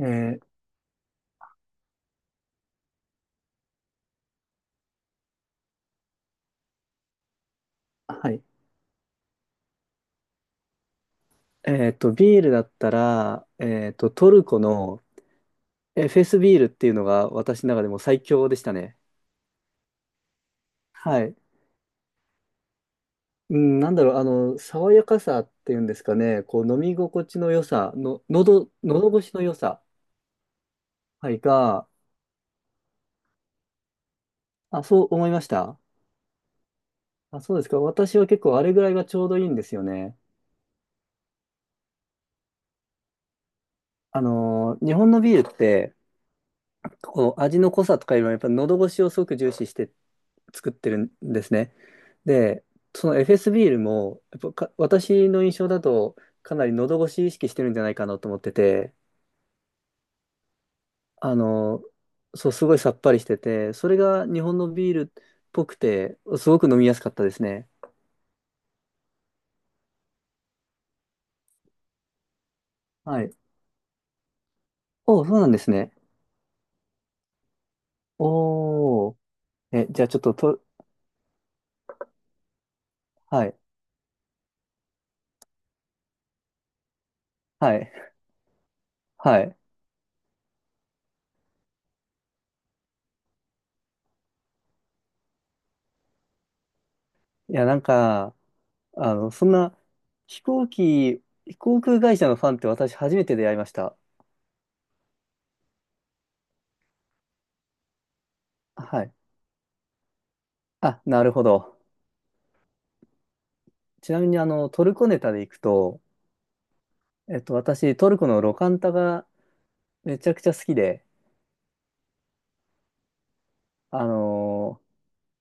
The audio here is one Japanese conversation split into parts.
えーはい。ビールだったら、トルコのフェスビールっていうのが私の中でも最強でしたね。はい。うん、なんだろう、爽やかさっていうんですかね、こう、飲み心地の良さ、の、喉越しの良さ、はい、が、あ、そう思いました。あ、そうですか。私は結構あれぐらいがちょうどいいんですよね。日本のビールって、こう、味の濃さとかいうのはやっぱ喉越しをすごく重視して作ってるんですね。で、その FS ビールも、やっぱか私の印象だと、かなり喉越し意識してるんじゃないかなと思ってて、あの、そう、すごいさっぱりしてて、それが日本のビールっぽくて、すごく飲みやすかったですね。はい。おお、そうなんですね。おお、え、じゃあちょっとと、はい、はい、はい。いや、なんか、そんな、飛行機、航空会社のファンって私初めて出会いました。はい。あ、なるほど。ちなみにトルコネタでいくと、私、トルコのロカンタがめちゃくちゃ好きで、あの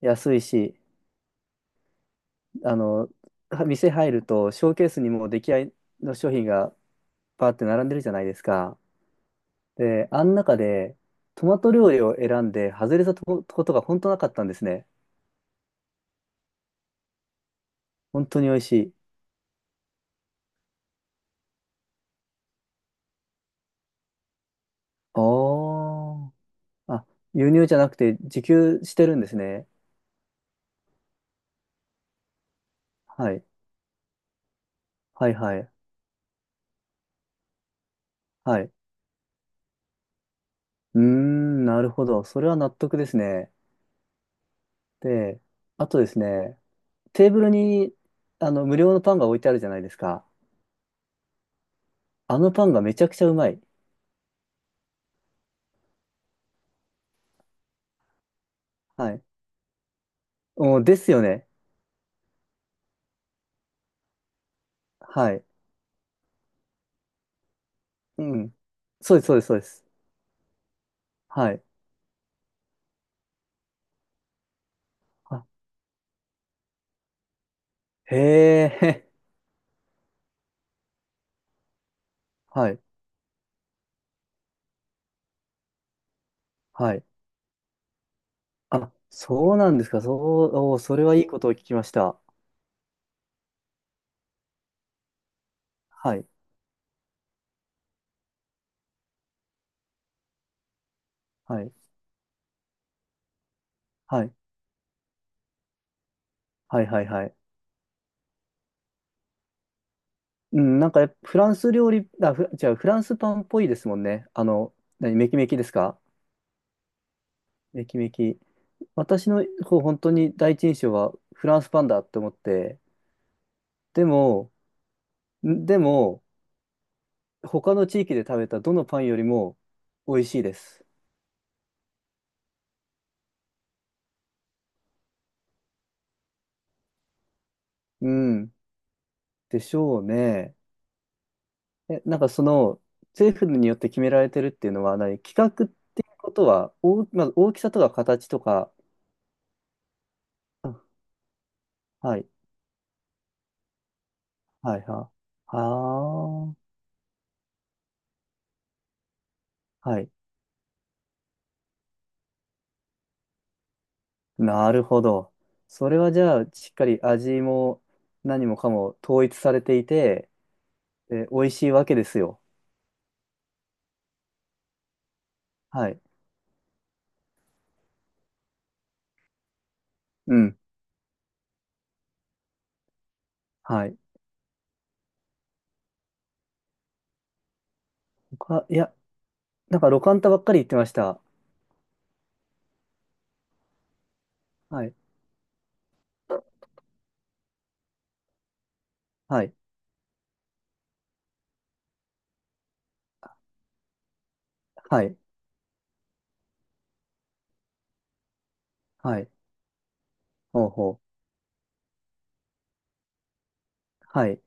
安いし、あの店入ると、ショーケースにもう出来合いの商品がバーって並んでるじゃないですか。で、あん中で、トマト料理を選んで、外れたとこことが本当なかったんですね。本当に美味しい。あーあ、輸入じゃなくて、自給してるんですね。はい。はいはい。はい。うーん、なるほど。それは納得ですね。で、あとですね、テーブルにあの無料のパンが置いてあるじゃないですか。あのパンがめちゃくちゃうまい。はい。うん、ですよね。はい。うん。そうです、そうです、そうです。はい。あ、へえ、はい、はい。あ、そうなんですか。そう、おー、それはいいことを聞きました。はい、はい、はい、はい、はい、はい。うん、なんかフランス料理、あ、じゃあフランスパンっぽいですもんね。何、メキメキですか。メキメキ。私のこう本当に第一印象はフランスパンだって思って、でも、んでも、他の地域で食べたどのパンよりも美味しいです。うん。でしょうね。え、なんか政府によって決められてるっていうのは何、規格っていうことは、まず大きさとか形とか、あ、はい、はい、は、はあ、はい。なるほど。それはじゃあ、しっかり味も何もかも統一されていて、で、美味しいわけですよ。はい。うん。はい。いや、なんか、ロカンタばっかり言ってました。はい。はい。はい。はい。ほうほう。はい。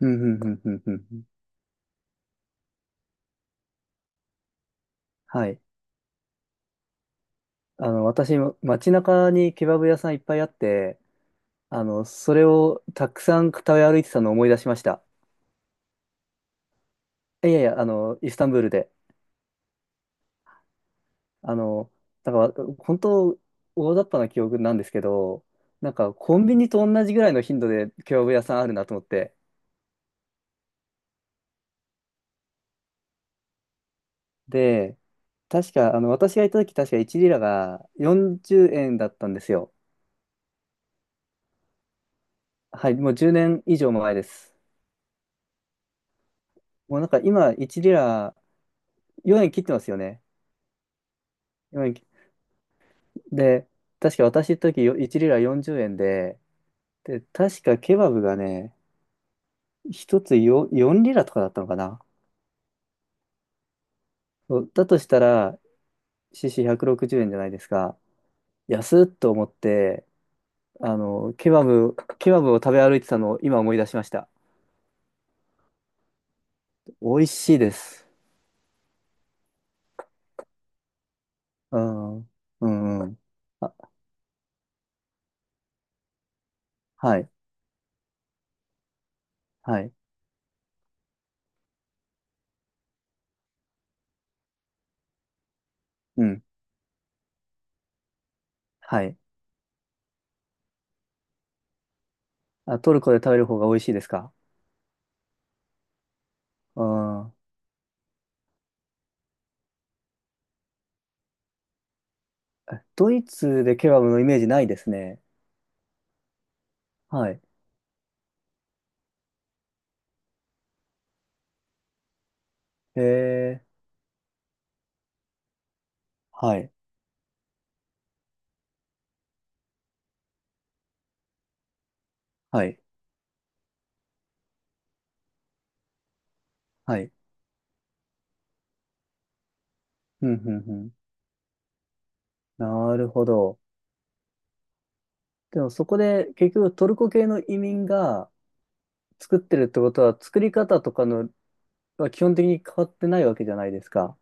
うん、うん、うん、うん、うんうん。はい。私、街中にケバブ屋さんいっぱいあって、それをたくさん食べ歩いてたのを思い出しました。いやいや、イスタンブールで。あの、だから、本当、大雑把な記憶なんですけど、なんか、コンビニと同じぐらいの頻度でケバブ屋さんあるなと思って。で、確か、私がいた時、確か1リラが40円だったんですよ。はい、もう10年以上も前です。もうなんか今、1リラ4円切ってますよね。よえん切で、確か私の時、1リラ40円で、で、確かケバブがね、1つ4リラとかだったのかな。そうだとしたら、CC160 円じゅうえんじゃないですか。安っと思って、ケバブを食べ歩いてたのを今思い出しました。美味しいです。うん。うんうん。あ、はい。はい。うん。はい。あ、トルコで食べる方が美味しいですか。うん。ドイツでケバブのイメージないですね。はい。へえ。はい。はい。はい。うん、うん、うん。なるほど。でもそこで結局トルコ系の移民が作ってるってことは作り方とかのは基本的に変わってないわけじゃないですか。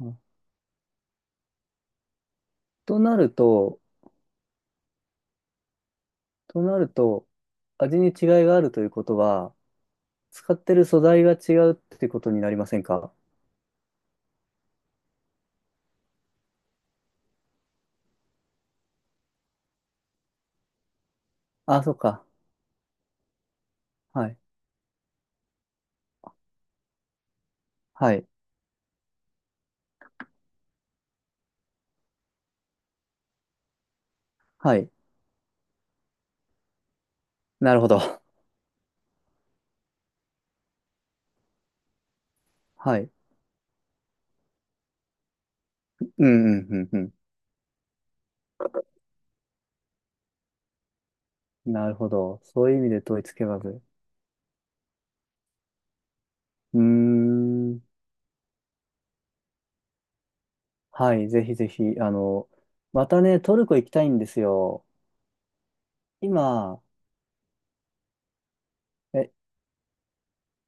うん。となると、となると味に違いがあるということは、使ってる素材が違うってことになりませんか。あ、そっか。はい。はい。はい。なるほど。はい。うん、うん、うん、うん。なるほど。そういう意味で統一ケバブ。うーん。はい。ぜひぜひ。またね、トルコ行きたいんですよ。今、え、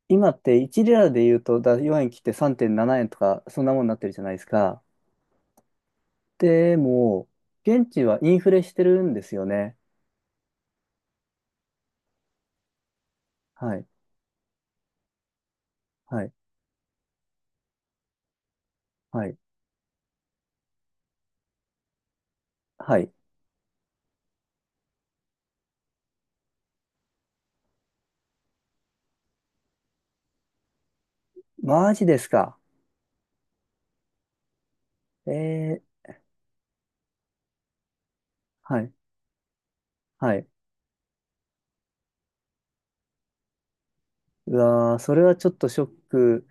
今って1リラで言うと、4円切って3.7円とか、そんなもんになってるじゃないですか。でも、現地はインフレしてるんですよね。はい。はい。はい。はい。マジですか。ええ、はい、はい。うわー、それはちょっとショック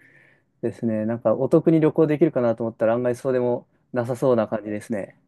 ですね。なんかお得に旅行できるかなと思ったら案外そうでもなさそうな感じですね。